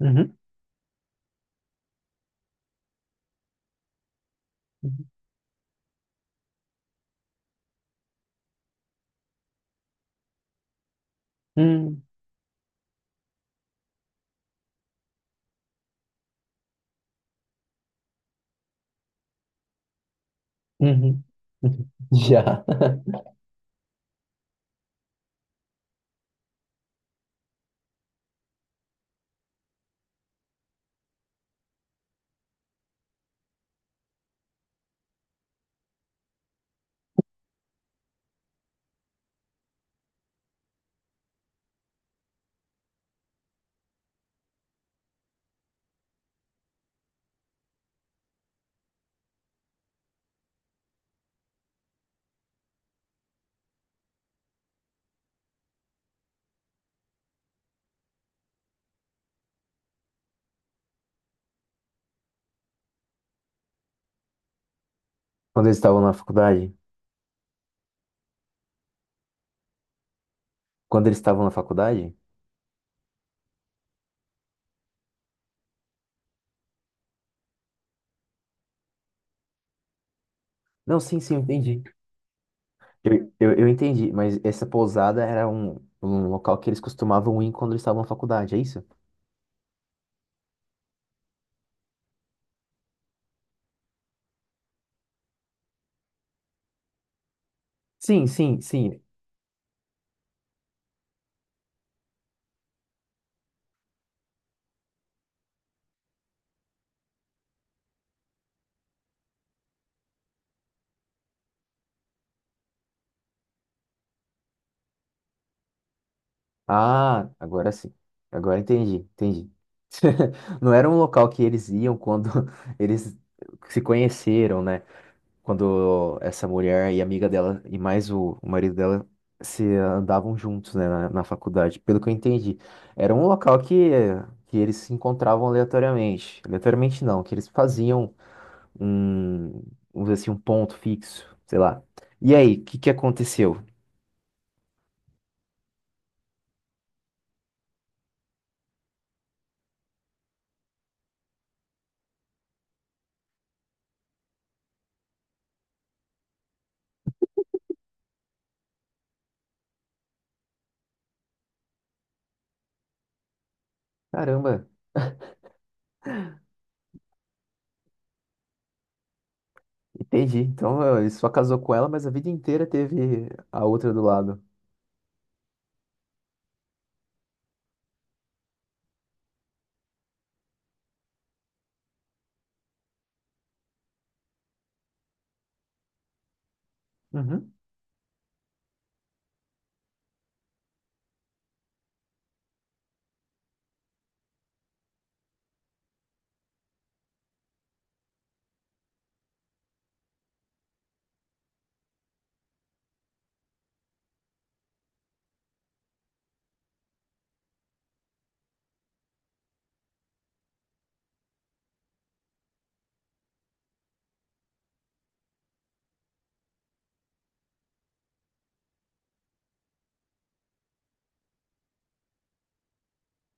Uhum, uhum, uhum, uhum. Já. Quando eles estavam na faculdade? Quando eles estavam na faculdade? Não, sim, sim, eu entendi. Eu entendi, mas essa pousada era um local que eles costumavam ir quando eles estavam na faculdade, é isso? Sim, sim, sim. Ah, agora sim. Agora entendi, entendi. Não era um local que eles iam quando eles se conheceram, né? Quando essa mulher e a amiga dela e mais o marido dela se andavam juntos, né, na faculdade. Pelo que eu entendi, era um local que eles se encontravam aleatoriamente. Aleatoriamente não, que eles faziam um, vamos dizer assim, um ponto fixo, sei lá. E aí, o que que aconteceu? Caramba, entendi. Então ele só casou com ela, mas a vida inteira teve a outra do lado. Uhum.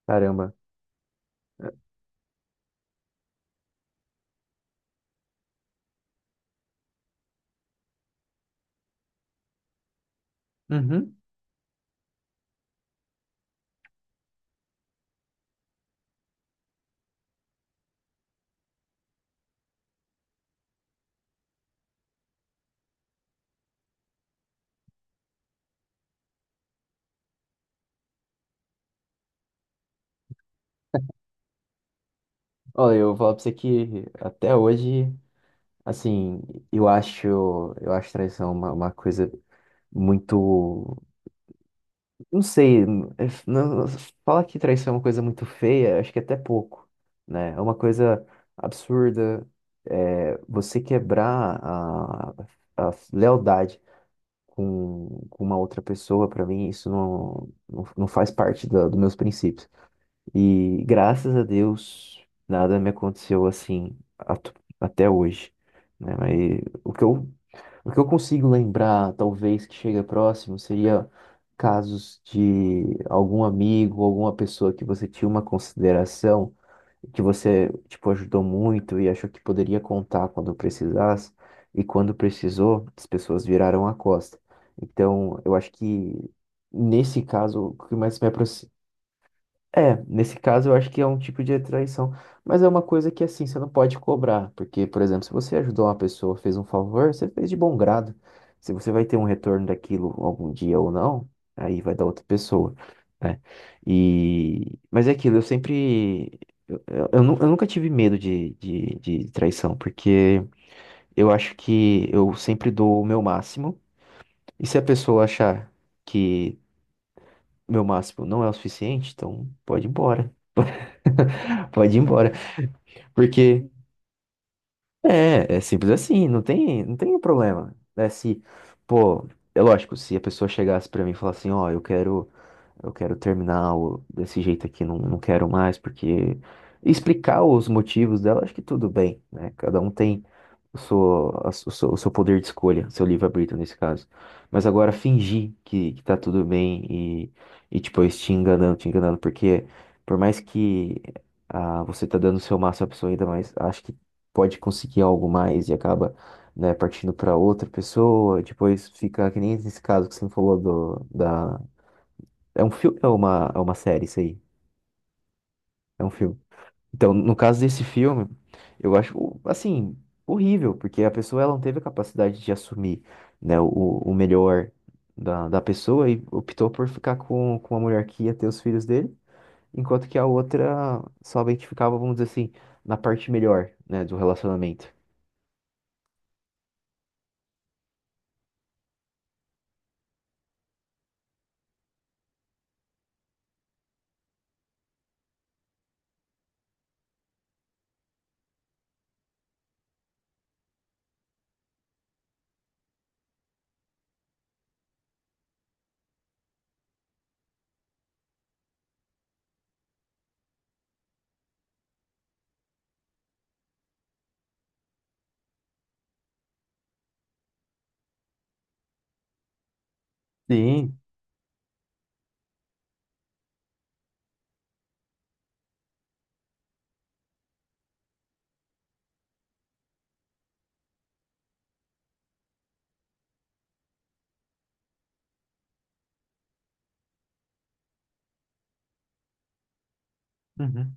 Caramba. Uhum. Olha, eu vou falar pra você que até hoje, assim, eu acho, eu acho traição uma coisa muito, não sei, é f- não, fala que traição é uma coisa muito feia, acho que é até pouco, né? É uma coisa absurda, é, você quebrar a lealdade com uma outra pessoa, pra mim, isso não, não, não faz parte da, dos meus princípios. E graças a Deus, nada me aconteceu assim até hoje, né? Mas o que eu consigo lembrar, talvez, que chega próximo, seria casos de algum amigo, alguma pessoa que você tinha uma consideração, que você, tipo, ajudou muito e achou que poderia contar quando precisasse, e quando precisou, as pessoas viraram a costa. Então, eu acho que, nesse caso, o que mais me aproxima. É, nesse caso eu acho que é um tipo de traição, mas é uma coisa que assim, você não pode cobrar, porque, por exemplo, se você ajudou uma pessoa, fez um favor, você fez de bom grado. Se você vai ter um retorno daquilo algum dia ou não, aí vai dar outra pessoa, né? E... Mas é aquilo, eu sempre. Eu nunca tive medo de, de traição, porque eu acho que eu sempre dou o meu máximo, e se a pessoa achar que meu máximo não é o suficiente, então pode ir embora. Pode ir embora. Porque é, é simples assim, não tem, não tem um problema. É se, pô, é lógico, se a pessoa chegasse pra mim e falasse assim, ó, eu quero desse jeito aqui, não, não quero mais, porque explicar os motivos dela, acho que tudo bem, né? Cada um tem o seu poder de escolha, seu livre-arbítrio nesse caso. Mas agora fingir que tá tudo bem e depois te enganando, porque por mais que você tá dando o seu máximo à pessoa ainda mais, acho que pode conseguir algo mais e acaba. Né, partindo para outra pessoa, depois fica que nem nesse caso que você me falou do, da, é um filme, é uma série isso aí. É um filme. Então, no caso desse filme, eu acho, assim, horrível, porque a pessoa ela não teve a capacidade de assumir, né, o melhor da, da pessoa e optou por ficar com a mulher que ia ter os filhos dele, enquanto que a outra somente ficava, vamos dizer assim, na parte melhor, né, do relacionamento. Sim. Uhum,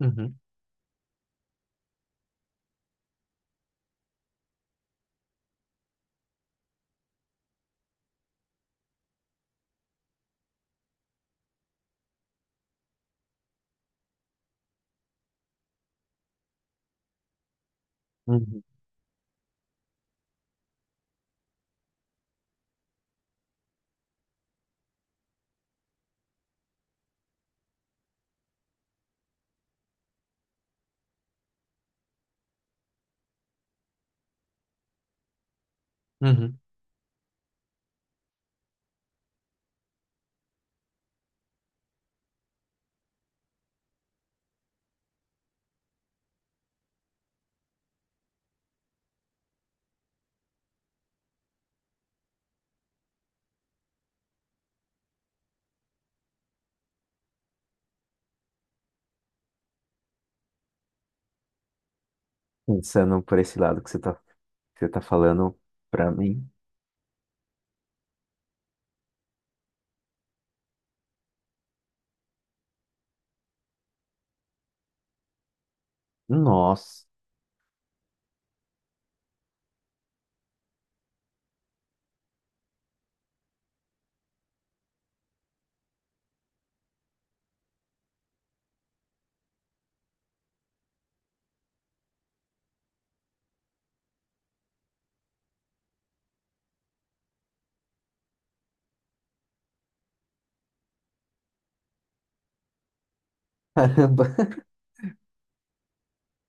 uhum, uhum, uhum. Pensando por esse lado que você tá falando pra mim, nossa, caramba.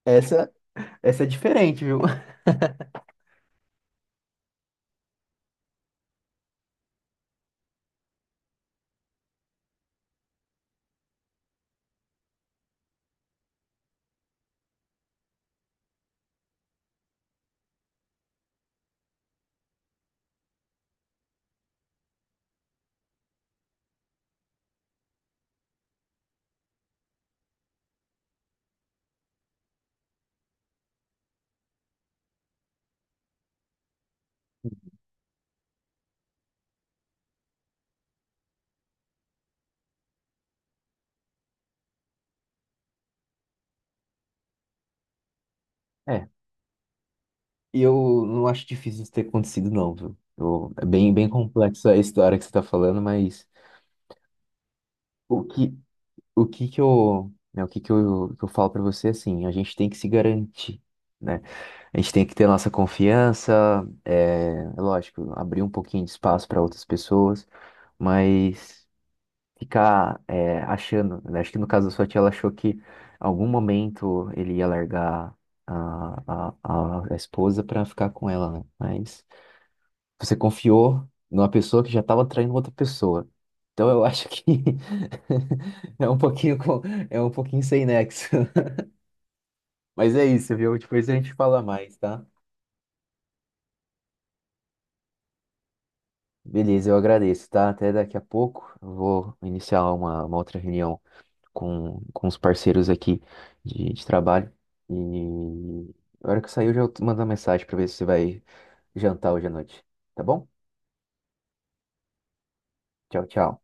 Essa, essa é diferente, viu? É. E eu não acho difícil isso ter acontecido, não, viu? É bem, bem complexa a história que você tá falando, mas o que, o que que eu, né, o que que eu falo pra você, é assim, a gente tem que se garantir, né? A gente tem que ter nossa confiança, é, é lógico, abrir um pouquinho de espaço para outras pessoas, mas ficar é, achando, né? Acho que no caso da sua tia, ela achou que em algum momento ele ia largar a esposa para ficar com ela, né? Mas você confiou numa pessoa que já estava traindo outra pessoa. Então eu acho que é um pouquinho com- é um pouquinho sem nexo. Mas é isso, viu? Depois a gente fala mais, tá? Beleza, eu agradeço, tá? Até daqui a pouco. Eu vou iniciar uma outra reunião com os parceiros aqui de trabalho. E a hora que sair, eu já mando uma mensagem para ver se você vai jantar hoje à noite. Tá bom? Tchau, tchau.